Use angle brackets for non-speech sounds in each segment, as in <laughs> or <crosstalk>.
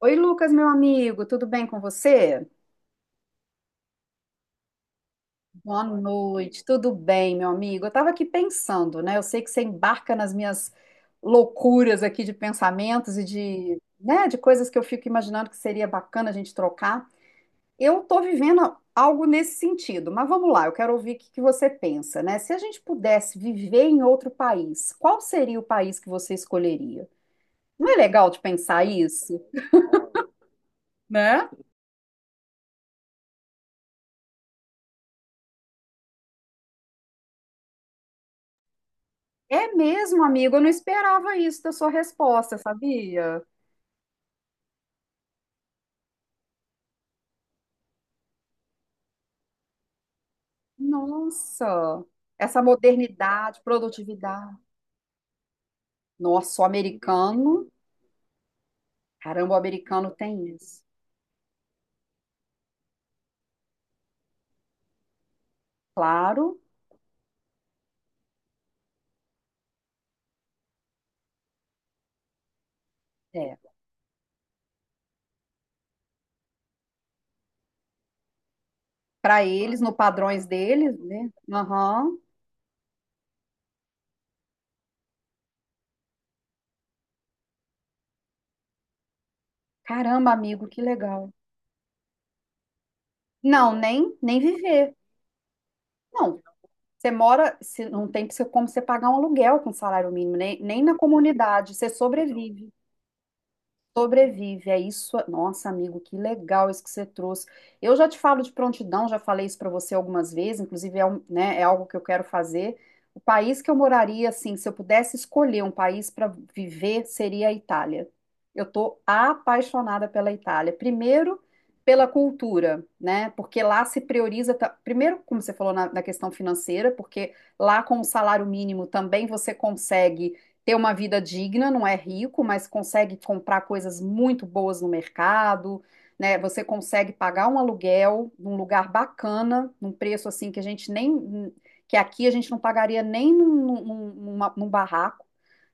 Oi, Lucas, meu amigo, tudo bem com você? Boa noite, tudo bem, meu amigo? Eu estava aqui pensando, né? Eu sei que você embarca nas minhas loucuras aqui de pensamentos e de, né, de coisas que eu fico imaginando que seria bacana a gente trocar. Eu estou vivendo algo nesse sentido, mas vamos lá, eu quero ouvir o que que você pensa, né? Se a gente pudesse viver em outro país, qual seria o país que você escolheria? Não é legal de pensar isso, né? É mesmo, amigo, eu não esperava isso da sua resposta, sabia? Nossa, essa modernidade, produtividade. Nossa, o americano, caramba, o americano tem isso. Claro, é. Para eles, no padrões deles, né? Aham. Caramba, amigo, que legal. Não, nem viver. Não, você mora, não tem como você pagar um aluguel com salário mínimo, nem, nem na comunidade, você sobrevive. Sobrevive, é isso. Nossa, amigo, que legal isso que você trouxe. Eu já te falo de prontidão, já falei isso para você algumas vezes, inclusive é, né, é algo que eu quero fazer. O país que eu moraria, assim, se eu pudesse escolher um país para viver, seria a Itália. Eu tô apaixonada pela Itália. Primeiro, pela cultura, né? Porque lá se prioriza, primeiro, como você falou na, na questão financeira, porque lá com o salário mínimo também você consegue ter uma vida digna, não é rico, mas consegue comprar coisas muito boas no mercado, né? Você consegue pagar um aluguel num lugar bacana, num preço assim que a gente nem, que aqui a gente não pagaria nem num, num barraco,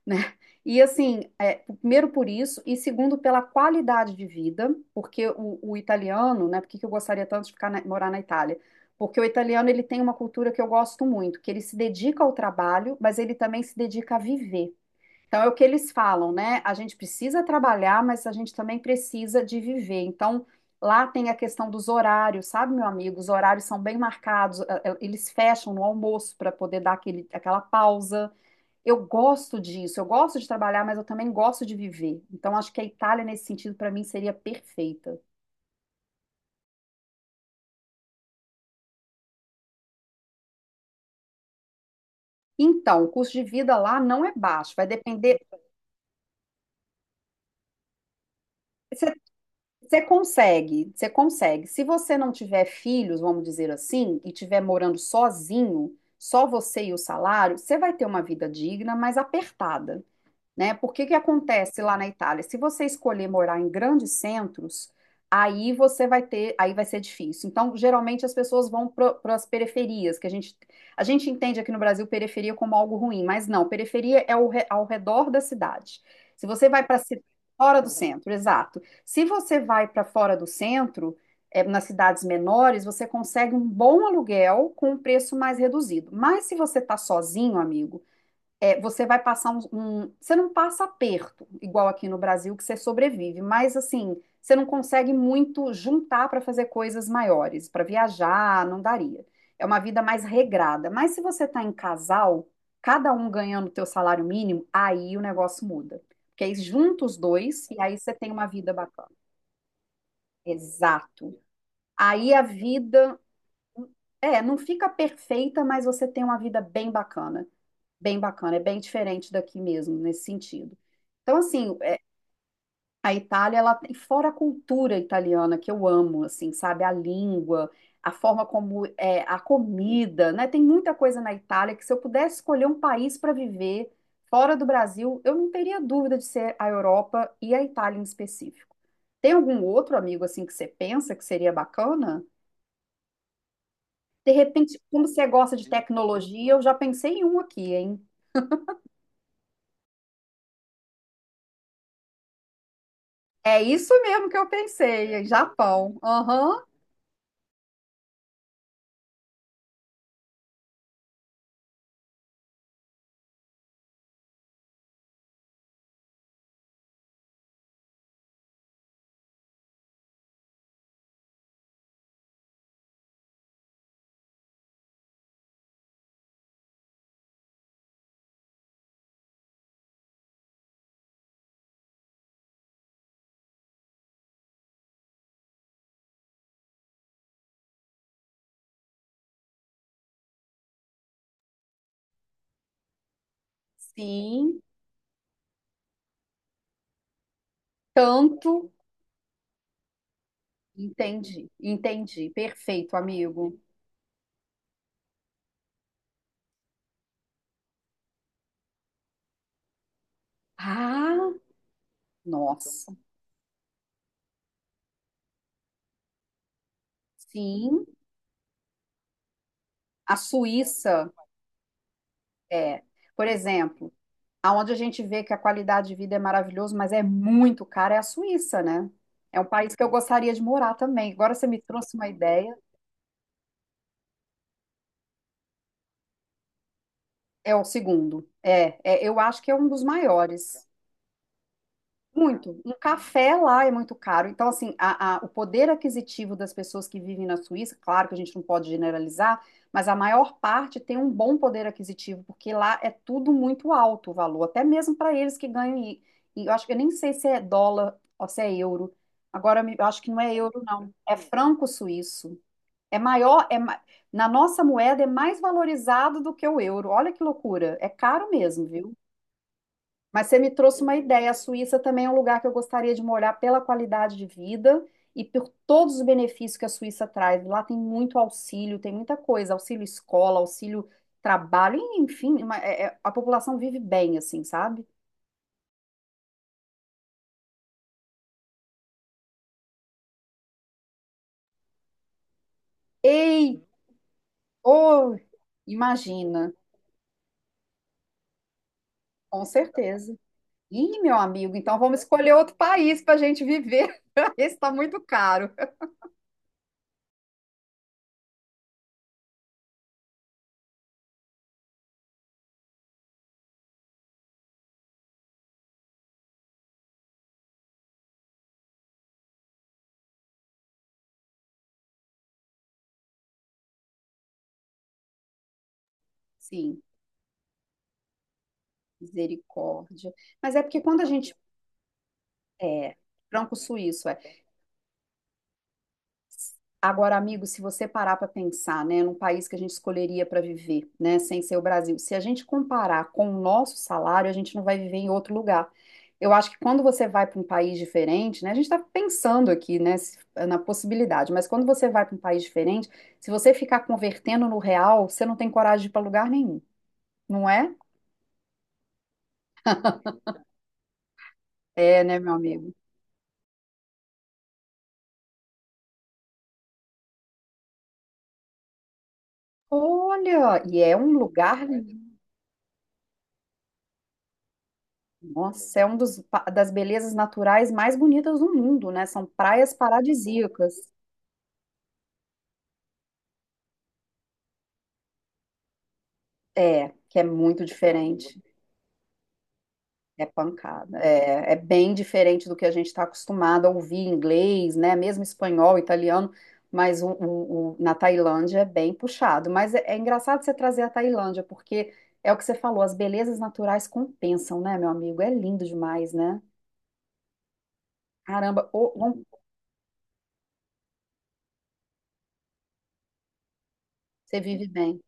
né? E assim, é, primeiro por isso, e segundo pela qualidade de vida, porque o italiano, né? Por que que eu gostaria tanto de ficar morar na Itália? Porque o italiano ele tem uma cultura que eu gosto muito, que ele se dedica ao trabalho, mas ele também se dedica a viver. Então, é o que eles falam, né? A gente precisa trabalhar, mas a gente também precisa de viver. Então, lá tem a questão dos horários, sabe, meu amigo? Os horários são bem marcados, eles fecham no almoço para poder dar aquele, aquela pausa. Eu gosto disso, eu gosto de trabalhar, mas eu também gosto de viver. Então, acho que a Itália, nesse sentido, para mim, seria perfeita. Então, o custo de vida lá não é baixo, vai depender. Você consegue, você consegue. Se você não tiver filhos, vamos dizer assim, e tiver morando sozinho, só você e o salário, você vai ter uma vida digna, mas apertada, né? Por que que acontece lá na Itália? Se você escolher morar em grandes centros, aí você vai ter, aí vai ser difícil. Então, geralmente as pessoas vão para as periferias, que a gente entende aqui no Brasil periferia como algo ruim, mas não, periferia é ao, ao redor da cidade. Se você vai para fora do centro, exato. Se você vai para fora do centro, é, nas cidades menores, você consegue um bom aluguel com um preço mais reduzido. Mas se você está sozinho, amigo, é, você vai passar um, você não passa aperto, igual aqui no Brasil, que você sobrevive, mas assim, você não consegue muito juntar para fazer coisas maiores, para viajar, não daria. É uma vida mais regrada. Mas se você está em casal, cada um ganhando o teu salário mínimo, aí o negócio muda. Porque aí junta os dois e aí você tem uma vida bacana. Exato. Aí a vida. É, não fica perfeita, mas você tem uma vida bem bacana, bem bacana, é bem diferente daqui mesmo, nesse sentido. Então, assim, é, a Itália, ela tem, fora a cultura italiana, que eu amo, assim, sabe, a língua, a forma como é a comida, né? Tem muita coisa na Itália que se eu pudesse escolher um país para viver fora do Brasil, eu não teria dúvida de ser a Europa e a Itália em específico. Tem algum outro amigo, assim, que você pensa que seria bacana? De repente, como você gosta de tecnologia, eu já pensei em um aqui, hein? É isso mesmo que eu pensei, é Japão. Aham, sim, tanto. Entendi, entendi. Perfeito, amigo. Ah, nossa. Sim, a Suíça é, por exemplo, aonde a gente vê que a qualidade de vida é maravilhosa, mas é muito cara, é a Suíça, né? É um país que eu gostaria de morar também. Agora você me trouxe uma ideia. É o segundo. É, é, eu acho que é um dos maiores. Muito. Um café lá é muito caro. Então, assim, o poder aquisitivo das pessoas que vivem na Suíça, claro que a gente não pode generalizar, mas a maior parte tem um bom poder aquisitivo, porque lá é tudo muito alto o valor, até mesmo para eles que ganham. E eu acho que eu nem sei se é dólar ou se é euro. Agora, eu acho que não é euro, não. É franco suíço. É maior, é, na nossa moeda é mais valorizado do que o euro. Olha que loucura. É caro mesmo, viu? Mas você me trouxe uma ideia. A Suíça também é um lugar que eu gostaria de morar pela qualidade de vida e por todos os benefícios que a Suíça traz. Lá tem muito auxílio, tem muita coisa, auxílio escola, auxílio trabalho, e, enfim, a população vive bem, assim, sabe? Ei, oh, imagina, com certeza. Ih, meu amigo, então vamos escolher outro país para a gente viver. <laughs> Esse está muito caro. Sim, misericórdia. Mas é porque quando a gente é franco-suíço, é. Agora, amigo, se você parar para pensar, né, num país que a gente escolheria para viver, né, sem ser o Brasil, se a gente comparar com o nosso salário, a gente não vai viver em outro lugar. Eu acho que quando você vai para um país diferente, né, a gente está pensando aqui, né, na possibilidade, mas quando você vai para um país diferente, se você ficar convertendo no real, você não tem coragem de ir para lugar nenhum, não é? É, né, meu amigo? Olha, e é um lugar lindo. Nossa, é um dos, das belezas naturais mais bonitas do mundo, né? São praias paradisíacas. É, que é muito diferente. É pancada. É, é bem diferente do que a gente está acostumado a ouvir em inglês, né? Mesmo espanhol, italiano, mas o, na Tailândia é bem puxado. Mas é, é engraçado você trazer a Tailândia, porque é o que você falou, as belezas naturais compensam, né, meu amigo? É lindo demais, né? Caramba, ô, ô, você vive bem.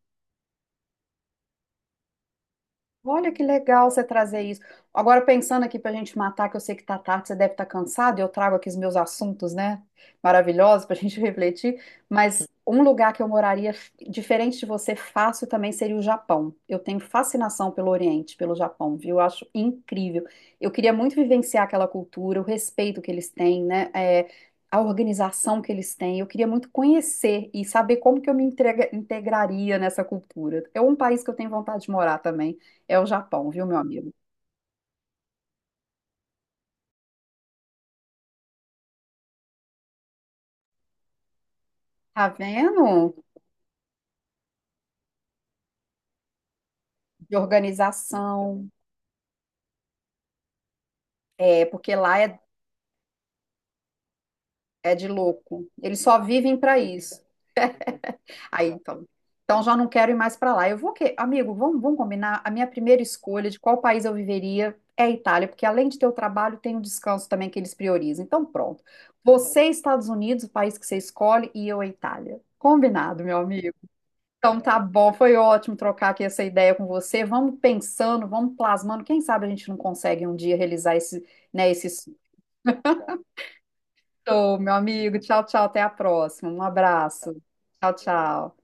Olha que legal você trazer isso. Agora, pensando aqui para a gente matar, que eu sei que tá tarde, você deve estar cansado, e eu trago aqui os meus assuntos, né? Maravilhosos para a gente <laughs> refletir. Mas um lugar que eu moraria, diferente de você, fácil também seria o Japão. Eu tenho fascinação pelo Oriente, pelo Japão, viu? Eu acho incrível. Eu queria muito vivenciar aquela cultura, o respeito que eles têm, né? É, a organização que eles têm. Eu queria muito conhecer e saber como que eu me integraria nessa cultura. É um país que eu tenho vontade de morar também. É o Japão, viu, meu amigo? Tá vendo? De organização, é, porque lá é, é de louco. Eles só vivem para isso. Aí, então, então já não quero ir mais para lá. Eu vou que, amigo, vamos combinar. A minha primeira escolha de qual país eu viveria é a Itália, porque além de ter o trabalho, tem o descanso também que eles priorizam. Então, pronto. Você, Estados Unidos, o país que você escolhe, e eu, a Itália. Combinado, meu amigo. Então tá bom, foi ótimo trocar aqui essa ideia com você. Vamos pensando, vamos plasmando. Quem sabe a gente não consegue um dia realizar esse, né, esse sonho, meu amigo. Tchau, tchau, até a próxima. Um abraço. Tchau, tchau.